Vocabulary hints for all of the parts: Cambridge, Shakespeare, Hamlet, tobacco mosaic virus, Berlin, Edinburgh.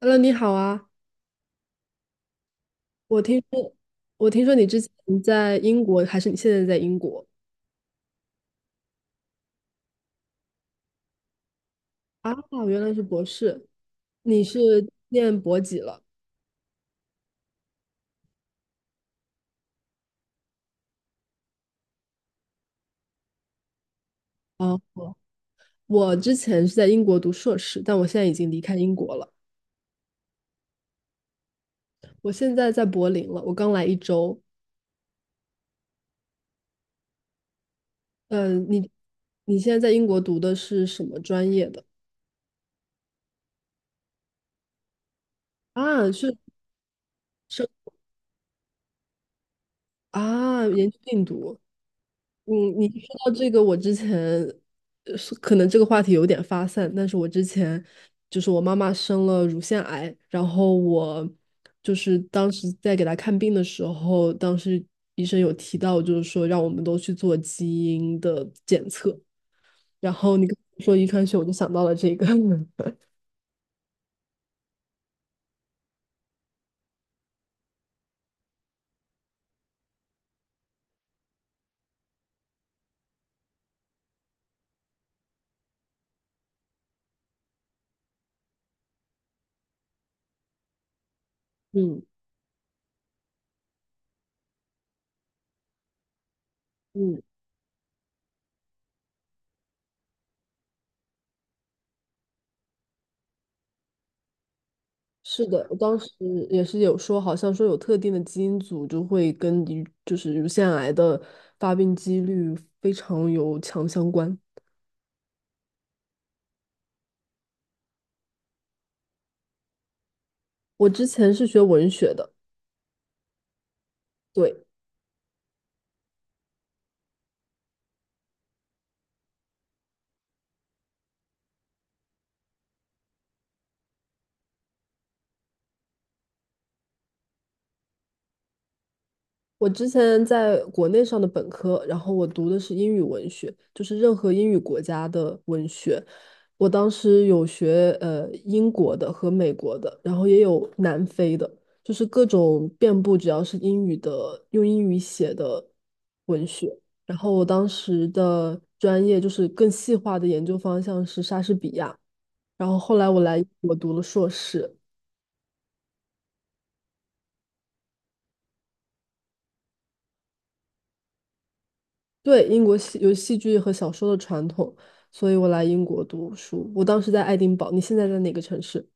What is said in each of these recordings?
Hello，你好啊！我听说，我听说你之前在英国，还是你现在在英国啊？原来是博士，你是念博几了？啊？我之前是在英国读硕士，但我现在已经离开英国了，我现在在柏林了，我刚来一周。嗯、你现在在英国读的是什么专业的？啊，是生啊，研究病毒。嗯，你说到这个，我之前呃是可能这个话题有点发散，但是我之前就是我妈妈生了乳腺癌，然后我就是当时在给她看病的时候，当时医生有提到，就是说让我们都去做基因的检测，然后你跟我说遗传学，我就想到了这个，嗯嗯。是的，我当时也是有说，好像说有特定的基因组就会跟乳就是乳腺癌的发病几率非常有强相关。我之前是学文学的，对，我之前在国内上的本科，然后我读的是英语文学，就是任何英语国家的文学。我当时有学英国的和美国的，然后也有南非的，就是各种遍布，只要是英语的，用英语写的文学。然后我当时的专业就是更细化的研究方向是莎士比亚，然后后来我读了硕士。对，英国有戏剧和小说的传统，所以我来英国读书。我当时在爱丁堡，你现在在哪个城市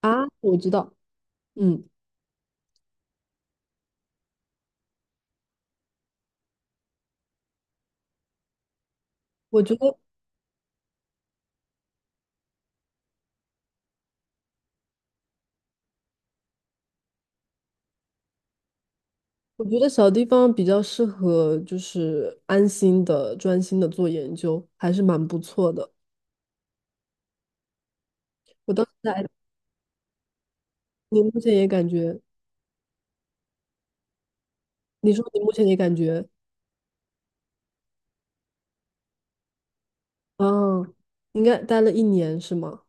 啊？我知道，嗯，我觉得我觉得小地方比较适合，就是安心的、专心的做研究，还是蛮不错的。我当时在爱，你目前也感觉，你说你目前也感觉，嗯，应该待了一年是吗？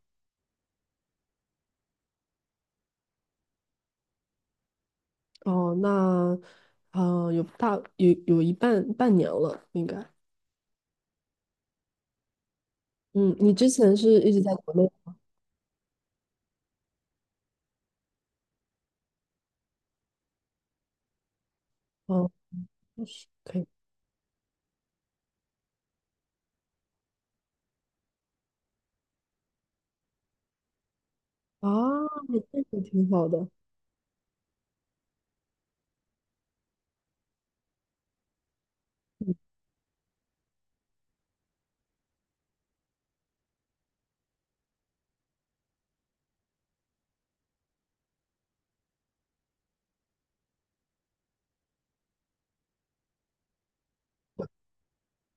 哦，那，啊，有大有有一半半年了，应该。嗯，你之前是一直在国内。嗯。可以啊，这个挺好的。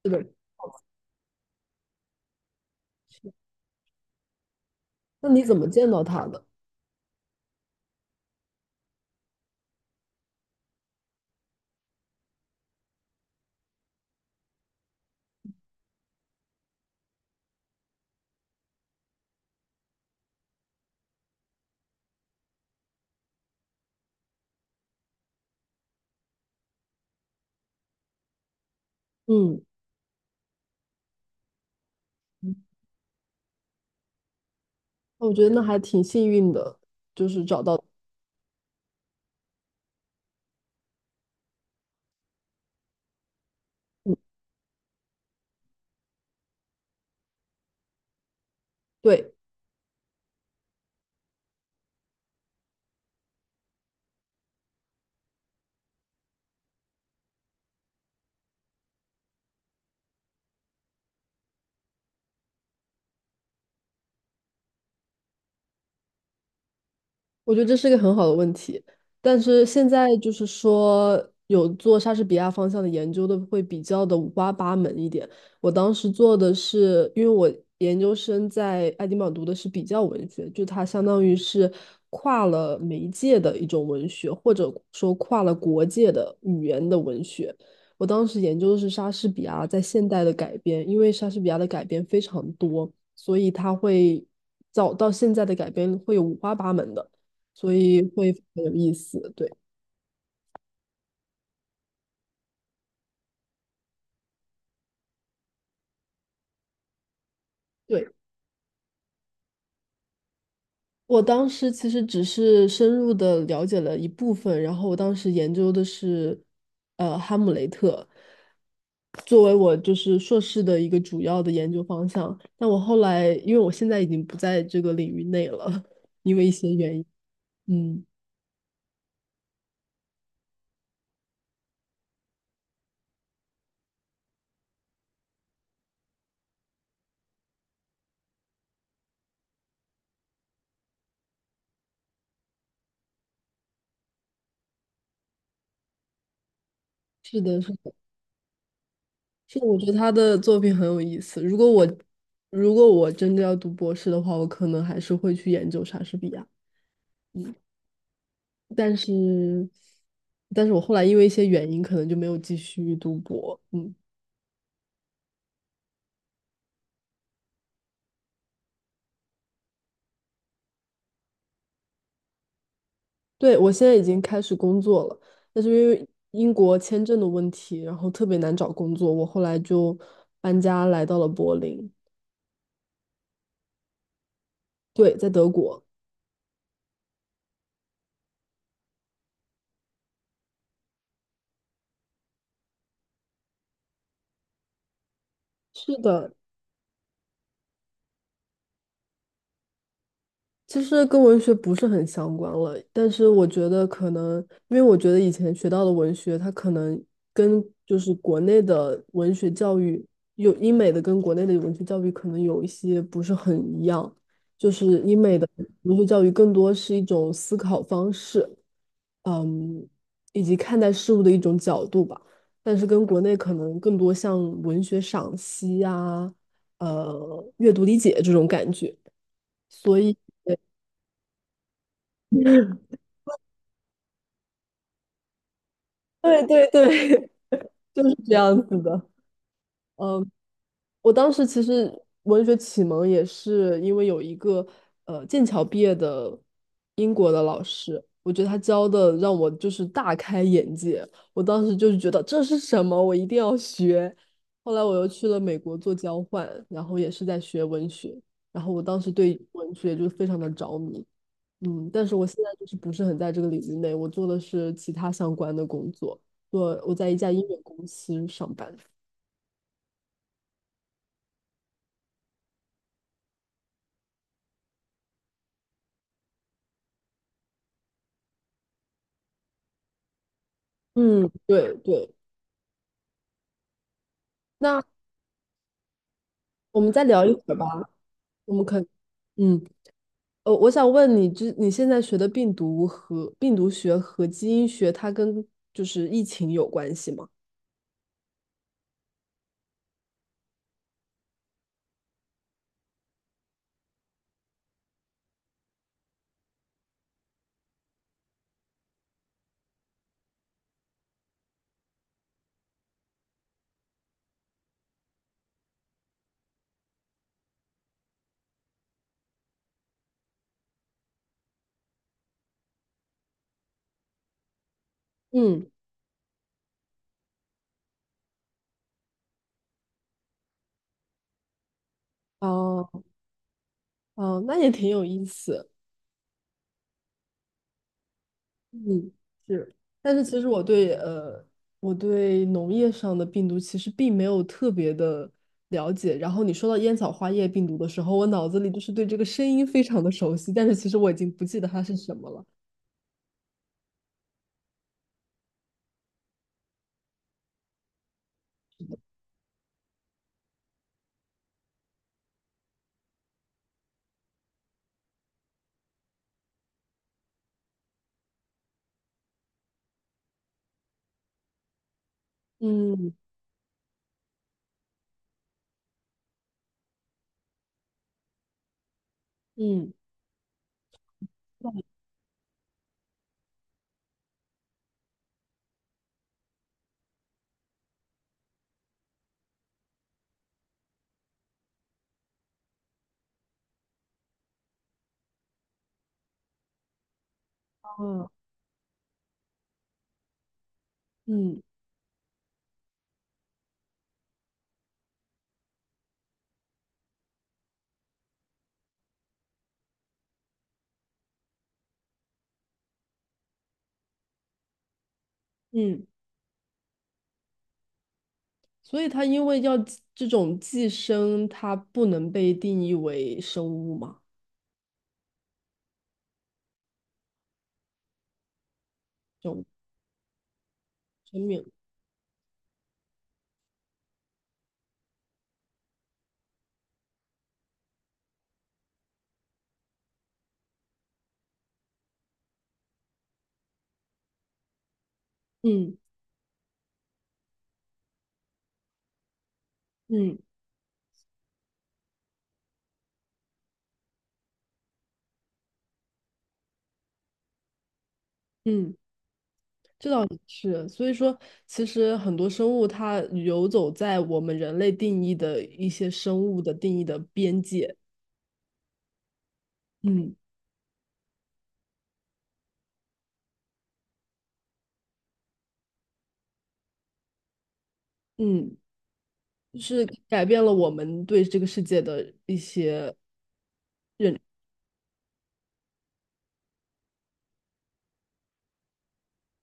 是的，那你怎么见到他的？嗯，我觉得那还挺幸运的，就是找到，对，我觉得这是一个很好的问题，但是现在就是说有做莎士比亚方向的研究的会比较的五花八门一点。我当时做的是，因为我研究生在爱丁堡读的是比较文学，就它相当于是跨了媒介的一种文学，或者说跨了国界的语言的文学。我当时研究的是莎士比亚在现代的改编，因为莎士比亚的改编非常多，所以它会早到现在的改编会有五花八门的。所以会很有意思。对对，我当时其实只是深入的了解了一部分，然后我当时研究的是，哈姆雷特，作为我就是硕士的一个主要的研究方向。但我后来，因为我现在已经不在这个领域内了，因为一些原因，嗯，是的，是的，是的我觉得他的作品很有意思。如果我真的要读博士的话，我可能还是会去研究莎士比亚。但是，但是我后来因为一些原因，可能就没有继续读博。嗯，对，我现在已经开始工作了，但是因为英国签证的问题，然后特别难找工作，我后来就搬家来到了柏林。对，在德国。是的，其实跟文学不是很相关了，但是我觉得可能，因为我觉得以前学到的文学，它可能跟就是国内的文学教育，有英美的跟国内的文学教育可能有一些不是很一样，就是英美的文学教育更多是一种思考方式，嗯，以及看待事物的一种角度吧，但是跟国内可能更多像文学赏析啊，阅读理解这种感觉。所以。对对对，就是这样子的。嗯，我当时其实文学启蒙也是因为有一个剑桥毕业的英国的老师，我觉得他教的让我就是大开眼界。我当时就是觉得这是什么，我一定要学。后来我又去了美国做交换，然后也是在学文学，然后我当时对文学就非常的着迷。嗯，但是我现在就是不是很在这个领域内，我做的是其他相关的工作，做我在一家音乐公司上班。嗯，对对。那我们再聊一会儿吧，我们可嗯，我想问你，之你现在学的病毒和病毒学和基因学，它跟就是疫情有关系吗？嗯，哦哦，那也挺有意思。嗯，是，但是其实我对我对农业上的病毒其实并没有特别的了解。然后你说到烟草花叶病毒的时候，我脑子里就是对这个声音非常的熟悉，但是其实我已经不记得它是什么了。嗯嗯啊嗯嗯，所以它因为要寄这种寄生，它不能被定义为生物嘛，这种生命。嗯嗯嗯。这倒也是，所以说，其实很多生物它游走在我们人类定义的一些生物的定义的边界，嗯嗯，就是改变了我们对这个世界的一些认，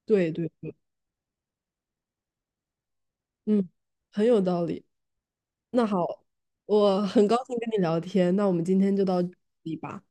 对对对，嗯，很有道理。那好，我很高兴跟你聊天，那我们今天就到这里吧。